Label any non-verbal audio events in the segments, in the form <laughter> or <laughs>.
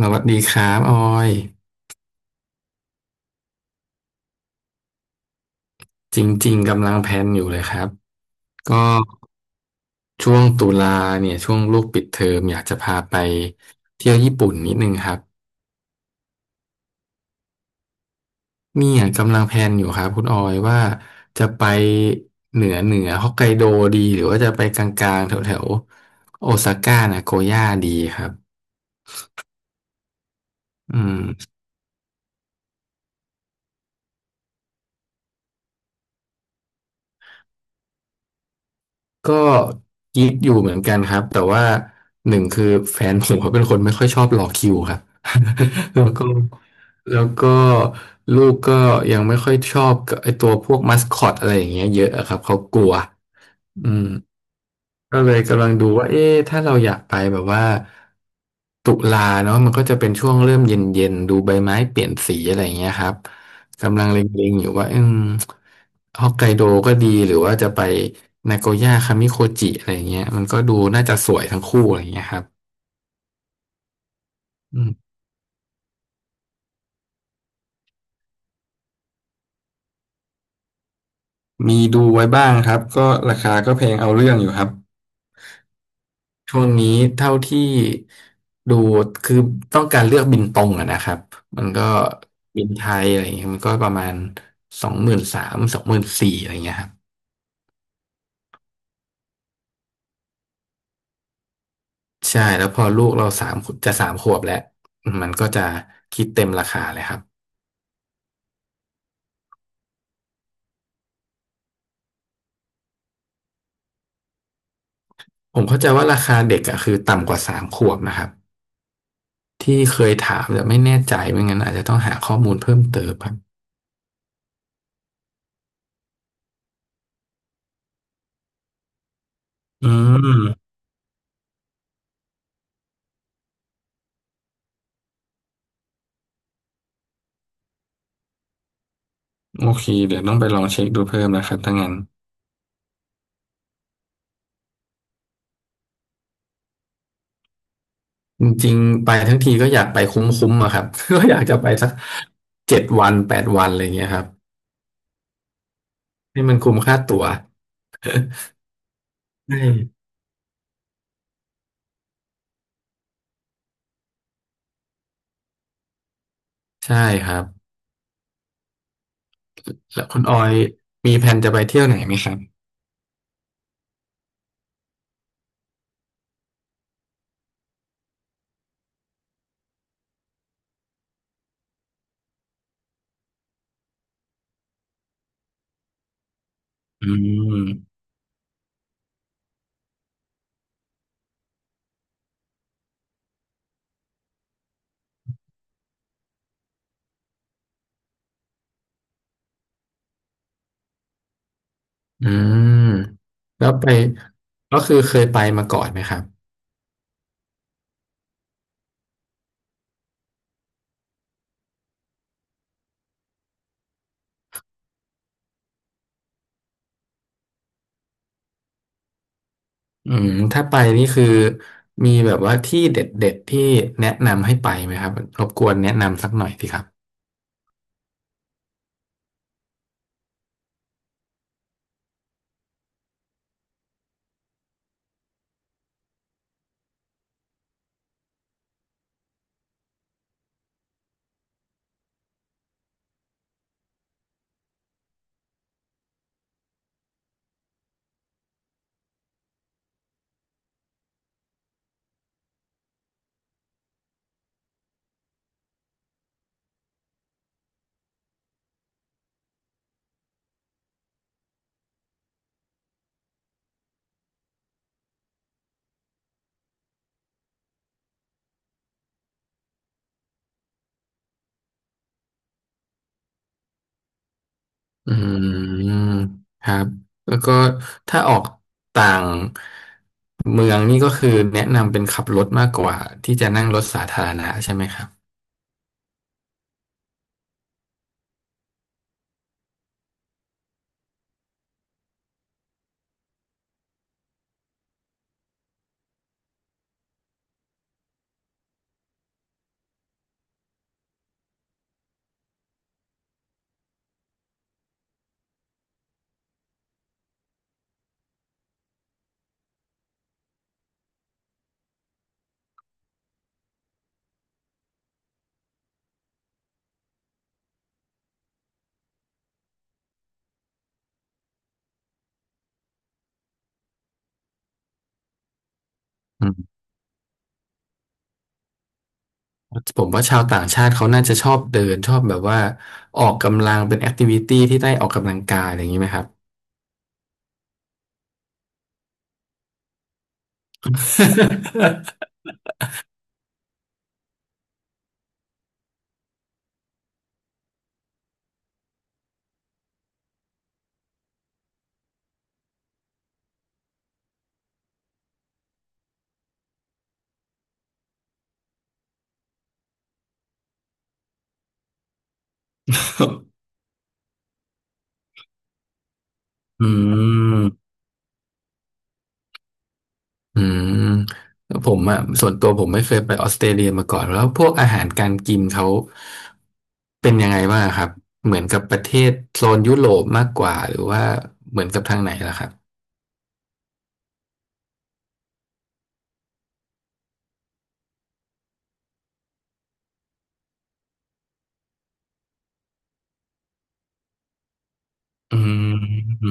สวัสดีครับออยจริงๆกำลังแพลนอยู่เลยครับก็ช่วงตุลาเนี่ยช่วงลูกปิดเทอมอยากจะพาไปเที่ยวญี่ปุ่นนิดนึงครับเนี่ยกำลังแพลนอยู่ครับคุณออยว่าจะไปเหนือฮอกไกโดดีหรือว่าจะไปกลางๆแถวๆโอซาก้านาโกย่าดีครับอืม ก็คิดอยู่เหมือนกันครับแต่ว่าหนึ่งคือแฟนผมเขาเป็นคนไม่ค่อยชอบรอคิวครับ <laughs> แล้วก็แล้วก็ลูกก็ยังไม่ค่อยชอบกับไอตัวพวกมัสคอตอะไรอย่างเงี้ยเยอะอะครับเขากลัวอืม ก็เลยกำลังดูว่าเอ๊ะถ้าเราอยากไปแบบว่าตุลาเนาะมันก็จะเป็นช่วงเริ่มเย็นๆดูใบไม้เปลี่ยนสีอะไรอย่างเงี้ยครับกำลังเล็งๆอยู่ว่าฮอกไกโดก็ดีหรือว่าจะไปนาโกย่าคามิโคจิอะไรอย่างเงี้ยมันก็ดูน่าจะสวยทั้งคู่อะไรอย่างเงี้ยครับอืมมีดูไว้บ้างครับก็ราคาก็แพงเอาเรื่องอยู่ครับ ช่วงนี้เท่าที่ดูคือต้องการเลือกบินตรงอะนะครับมันก็บินไทยอะไรเงี้ยมันก็ประมาณ20,000 สาม 20,000 สี่อะไรเงี้ยครับใช่แล้วพอลูกเราสามจะสามขวบแล้วมันก็จะคิดเต็มราคาเลยครับผมเข้าใจว่าราคาเด็กอะคือต่ำกว่าสามขวบนะครับที่เคยถามแต่ไม่แน่ใจไม่งั้นอาจจะต้องหาข้อมูลเพิ่มเติมครับอืมโอเคเดี๋ยวต้องไปลองเช็คดูเพิ่มนะครับถ้างั้น จริงๆไปทั้งทีก็อยากไปคุ้มๆอะครับ <laughs> ก็อยากจะไปสักเจ็ดวันแปดวันอะไรเงี้ยครับให้มันคุ้มค่าตั๋วใช่ใช่ครับแล้วคุณออยมีแผนจะไปเที่ยวไหนไหมครับอืมอืมแล้วไปก็คือเคยไปมาก่อนไหมครับอืมถ้าไปนี่คือมีแบบว่าที่เด็ดๆที่แนะนำให้ไปไหมครับรบกวนแนะนำสักหน่อยสิครับ อืมครับแล้วก็ถ้าออกต่างเมืองนี่ก็คือแนะนำเป็นขับรถมากกว่าที่จะนั่งรถสาธารณะใช่ไหมครับอืมผมว่าชาวต่างชาติเขาน่าจะชอบเดินชอบแบบว่าออกกำลังเป็นแอคทิวิตี้ที่ได้ออกกำลังกายอะไรอย่างนี้ไหมครับ <laughs> อืม อืมผมอ่ะส่วนตัวผมไม่เคยไปออสเตรเลียมาก่อนแล้วพวกอาหารการกินเขาเป็นยังไงบ้างครับเหมือนกับประเทศโซนยุโรปมากกว่าหรือว่าเหมือนกับทางไหนล่ะครับอืม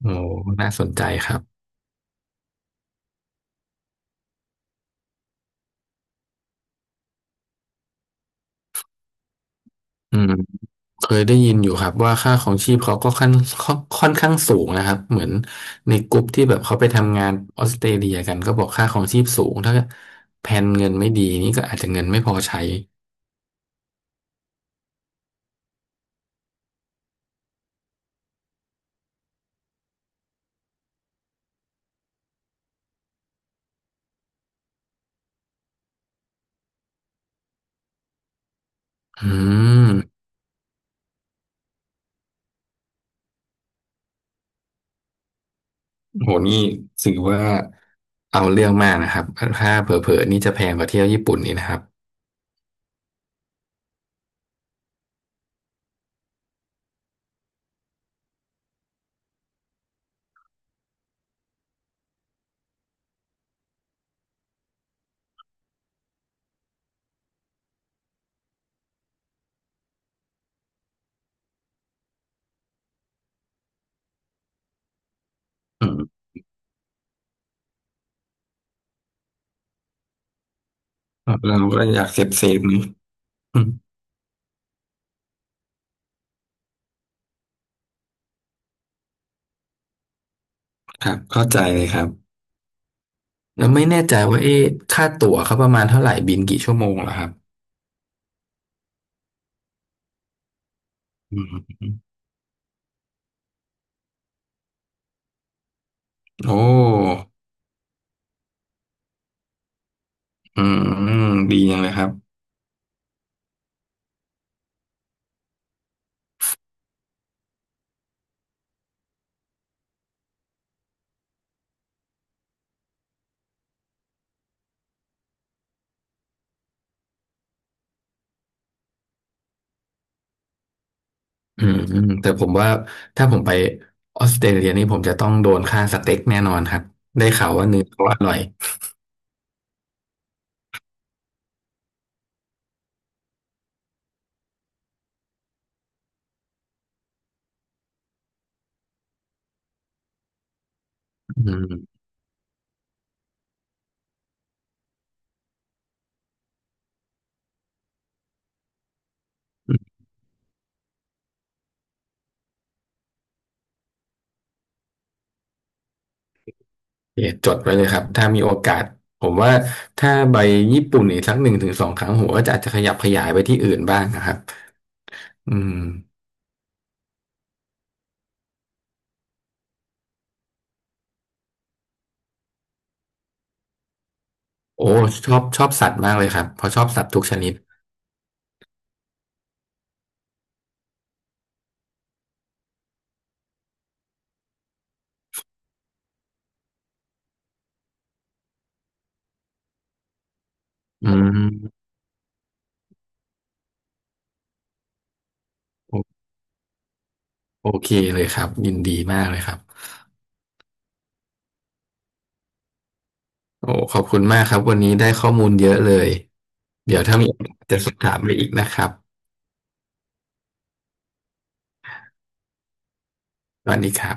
โอ้น่าสนใจครับอืมเคยได้ยินอยู่ครับว่าค่าของชีพเขาก็ค่อนข้างสูงนะครับเหมือนในกลุ่มที่แบบเขาไปทำงานออสเตรเลียกันก็บอกค่าของชีพสูงถ้าแผนเงินไม่ดีนี่ก็อาจจะเงินไม่พอใช้อืม โหนี่ถือว่าเอาเรื่องมากนะครับถ้าเผลอๆนี่จะแพงกว่าเที่ยวญี่ปุ่นนี่นะครับอืมเราก็อยากเซฟนี่อืมครับเข้าใจเลยครับแล้วไม่แน่ใจว่าเอ๊ะค่าตั๋วเขาประมาณเท่าไหร่บินกี่ชั่วโมงเหรอครับอืมโอ้อืมดีจังเลยครับอืมอืมแต่ผมว่าถ้าผมไปออสเตรเลียนี่ผมจะต้องโดนค่าสเต็กแน่นอนครับ ได้ข่าวว่าเนื้อเขาอร่อยอืม โอเคจดไว้เลยครับถ้ามีโอกาสผมว่าถ้าไปญี่ปุ่นอีกสักหนึ่งถึงสองครั้งผมก็จะอาจจะขยับขยายไปที่อื่นบ้างนะครับอืมโอ้ชอบสัตว์มากเลยครับเพราะชอบสัตว์ทุกชนิดอืมโอโอเคเลยครับยินดีมากเลยครับโอ้ขอบคุณมากครับวันนี้ได้ข้อมูลเยอะเลยเดี๋ยวถ้ามีโอกาสจะสอบถามไปอีกนะครับสวัสดีครับ